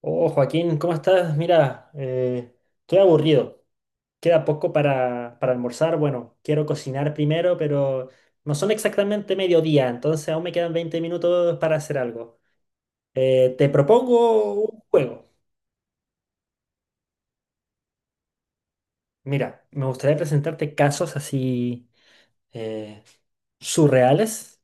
Oh, Joaquín, ¿cómo estás? Mira, estoy aburrido. Queda poco para almorzar. Bueno, quiero cocinar primero, pero no son exactamente mediodía, entonces aún me quedan 20 minutos para hacer algo. Te propongo un juego. Mira, me gustaría presentarte casos así eh, surreales.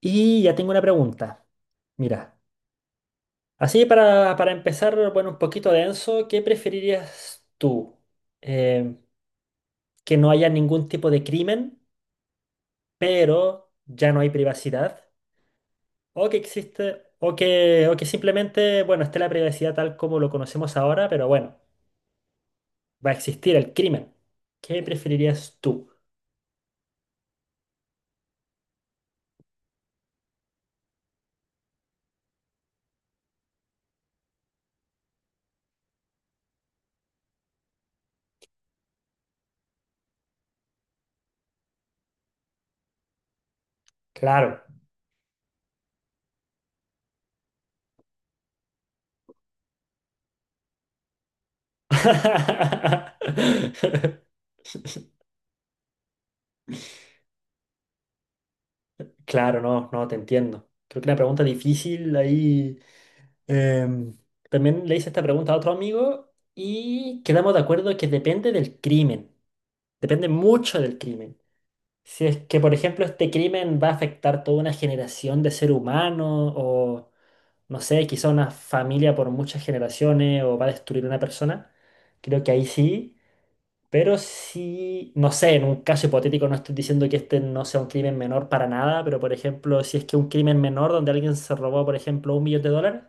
Y ya tengo una pregunta. Mira, así para empezar, bueno, un poquito denso, ¿qué preferirías tú? Em, ¿Que no haya ningún tipo de crimen, pero ya no hay privacidad? ¿O que existe, o que simplemente, bueno, esté la privacidad tal como lo conocemos ahora, pero bueno, va a existir el crimen? ¿Qué preferirías tú? Claro. Claro, no, no, te entiendo. Creo que una pregunta difícil ahí. em, También le hice esta pregunta a otro amigo y quedamos de acuerdo que depende del crimen. Depende mucho del crimen. Si es que, por ejemplo, este crimen va a afectar toda una generación de ser humano o, no sé, quizá una familia por muchas generaciones o va a destruir una persona, creo que ahí sí. Pero sí, no sé, en un caso hipotético no estoy diciendo que este no sea un crimen menor para nada, pero por ejemplo, si es que un crimen menor donde alguien se robó, por ejemplo, $1 millón,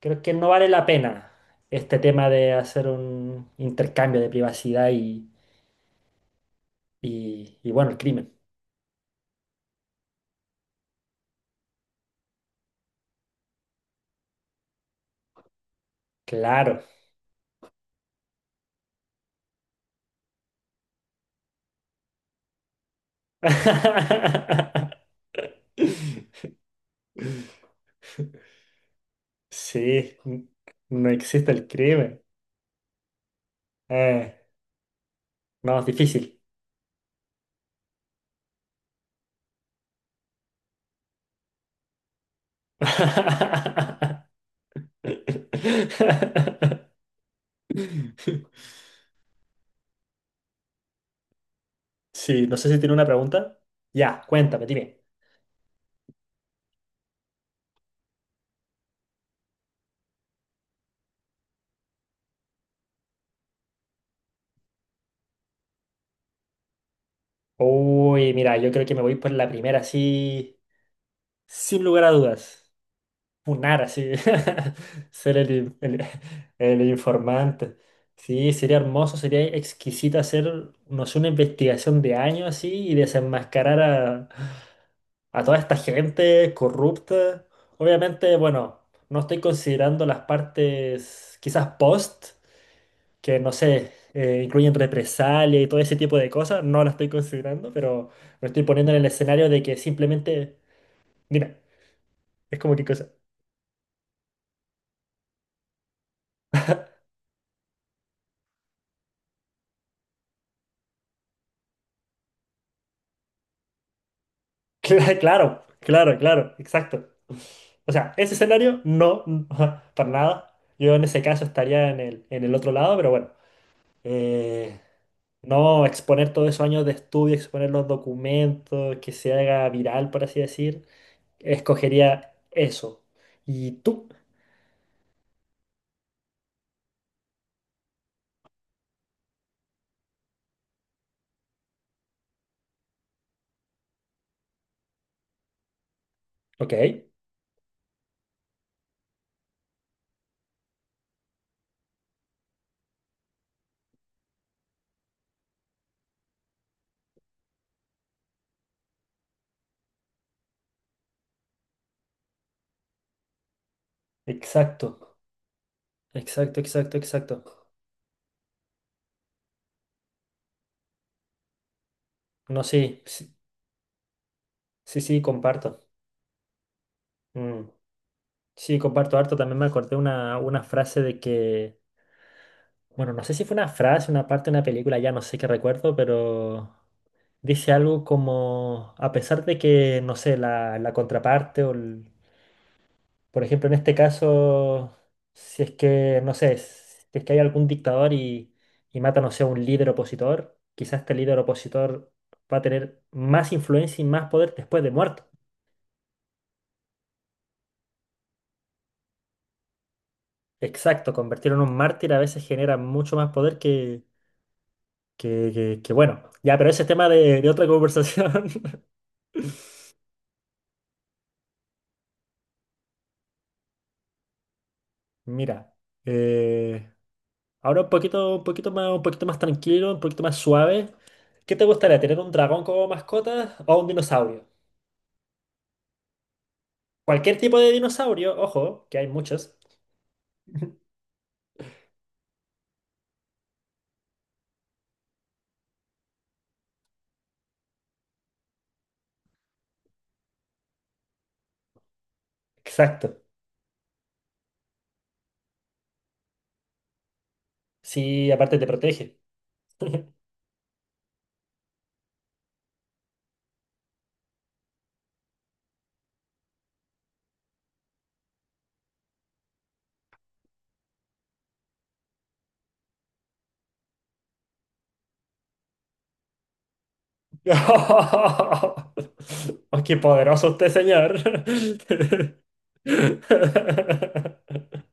creo que no vale la pena este tema de hacer un intercambio de privacidad y bueno, el crimen. Claro. Sí, no existe el crimen. Eh, no, es difícil. Sí, no sé si tiene una pregunta. Ya, cuéntame, dime. Uy, mira, yo creo que me voy por la primera, sí, sin lugar a dudas. Funar así, ser el, in- el- el informante. Sí, sería hermoso, sería exquisito hacer, no sé, una investigación de años así y desenmascarar a toda esta gente corrupta. Obviamente, bueno, no estoy considerando las partes quizás post, que no sé, incluyen represalia y todo ese tipo de cosas, no las estoy considerando, pero me estoy poniendo en el escenario de que simplemente, mira, es como que. Claro, claro, claro, exacto. O sea, ese escenario no, no, para nada. Yo en ese caso estaría en el otro lado, pero bueno. Eh, no exponer todos esos años de estudio, exponer los documentos, que se haga viral, por así decir. Escogería eso. ¿Y tú? Ok, exacto, exacto, exacto, exacto. No, sí, sí, sí, sí, comparto. Mm, Sí, comparto harto. También me acordé una frase de que. Bueno, no sé si fue una frase, una parte de una película, ya no sé qué recuerdo, pero dice algo como, a pesar de que, no sé, la contraparte o, el- por ejemplo, en este caso, si es que, no sé, si es que hay algún dictador y mata, no sé, a un líder opositor, quizás este líder opositor va a tener más influencia y más poder después de muerto. Exacto, convertirlo en un mártir a veces genera mucho más poder que, bueno. Ya, pero ese es tema de otra conversación. Mira, eh, ahora un poquito más tranquilo, un poquito más suave. ¿Qué te gustaría, tener un dragón como mascota o un dinosaurio? Cualquier tipo de dinosaurio, ojo, que hay muchos. Exacto. Sí, aparte te protege. ¡Oh, qué poderoso usted, señor!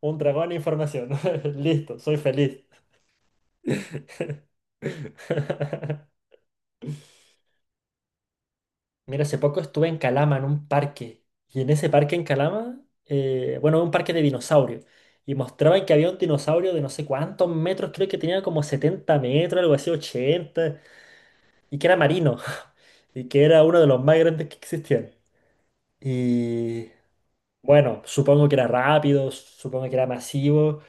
Un dragón de información. Listo, soy feliz. Mira, hace poco estuve en Calama, en un parque. Y en ese parque en Calama, bueno, un parque de dinosaurios. Y mostraban que había un dinosaurio de no sé cuántos metros, creo que tenía como 70 metros, algo así, 80, y que era marino, y que era uno de los más grandes que existían. Y bueno, supongo que era rápido, supongo que era masivo.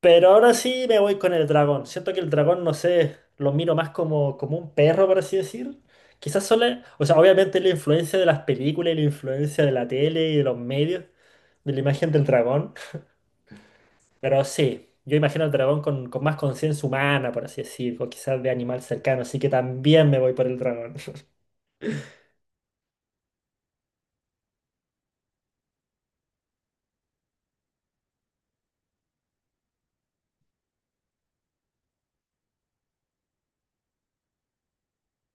Pero ahora sí me voy con el dragón. Siento que el dragón, no sé, lo miro más como, como un perro, por así decir. Quizás solo, o sea, obviamente la influencia de las películas y la influencia de la tele y de los medios, de la imagen del dragón. Pero sí, yo imagino al dragón con más conciencia humana, por así decir, o quizás de animal cercano. Así que también me voy por el dragón.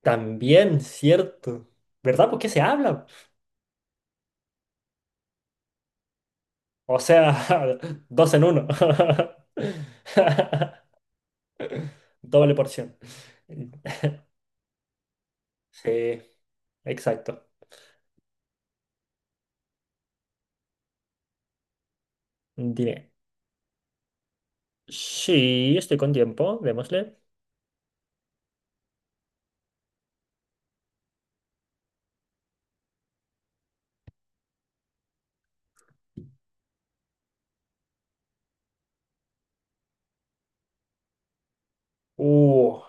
También, cierto. ¿Verdad? ¿Por qué se habla? O sea, dos en uno. Doble porción. Sí, exacto. Dime. Sí, estoy con tiempo, démosle. Uh,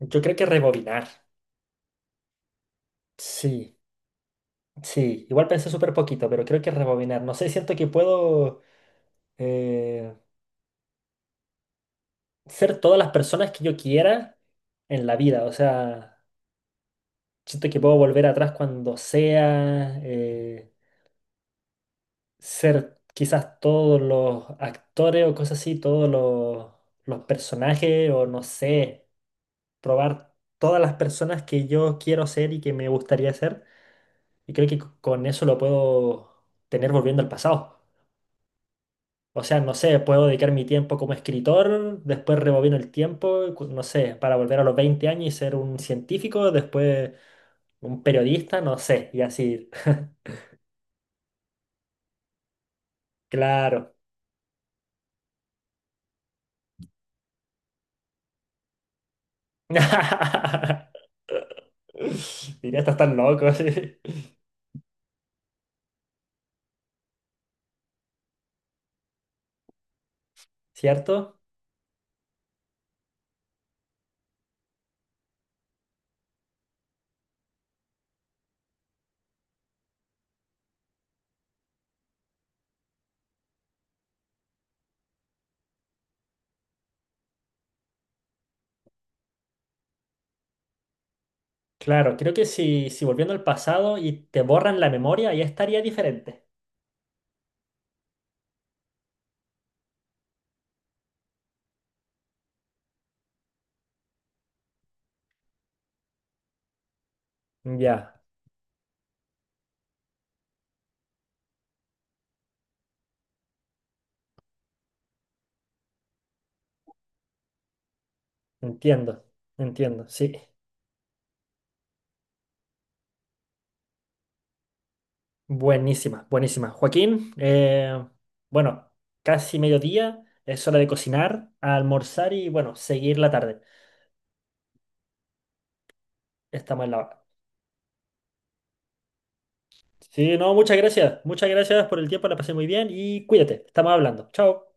yo creo que rebobinar. Sí, sí. Igual pensé súper poquito, pero creo que rebobinar. No sé, siento que puedo eh, ser todas las personas que yo quiera en la vida. O sea, siento que puedo volver atrás cuando sea, ser quizás todos los actores o cosas así, todos los personajes o no sé. Probar todas las personas que yo quiero ser y que me gustaría ser. Y creo que con eso lo puedo tener volviendo al pasado. O sea, no sé, puedo dedicar mi tiempo como escritor, después rebobino el tiempo, no sé, para volver a los 20 años y ser un científico, después un periodista, no sé, y así. Claro. Diría, estás tan loco, sí. ¿Cierto? Claro, creo que si volviendo al pasado y te borran la memoria, ya estaría diferente. Ya. Entiendo, entiendo, sí. Buenísima, buenísima. Joaquín, bueno, casi mediodía, es hora de cocinar, almorzar y bueno, seguir la tarde. Estamos en la hora. Sí, no, muchas gracias por el tiempo, la pasé muy bien y cuídate, estamos hablando. Chao.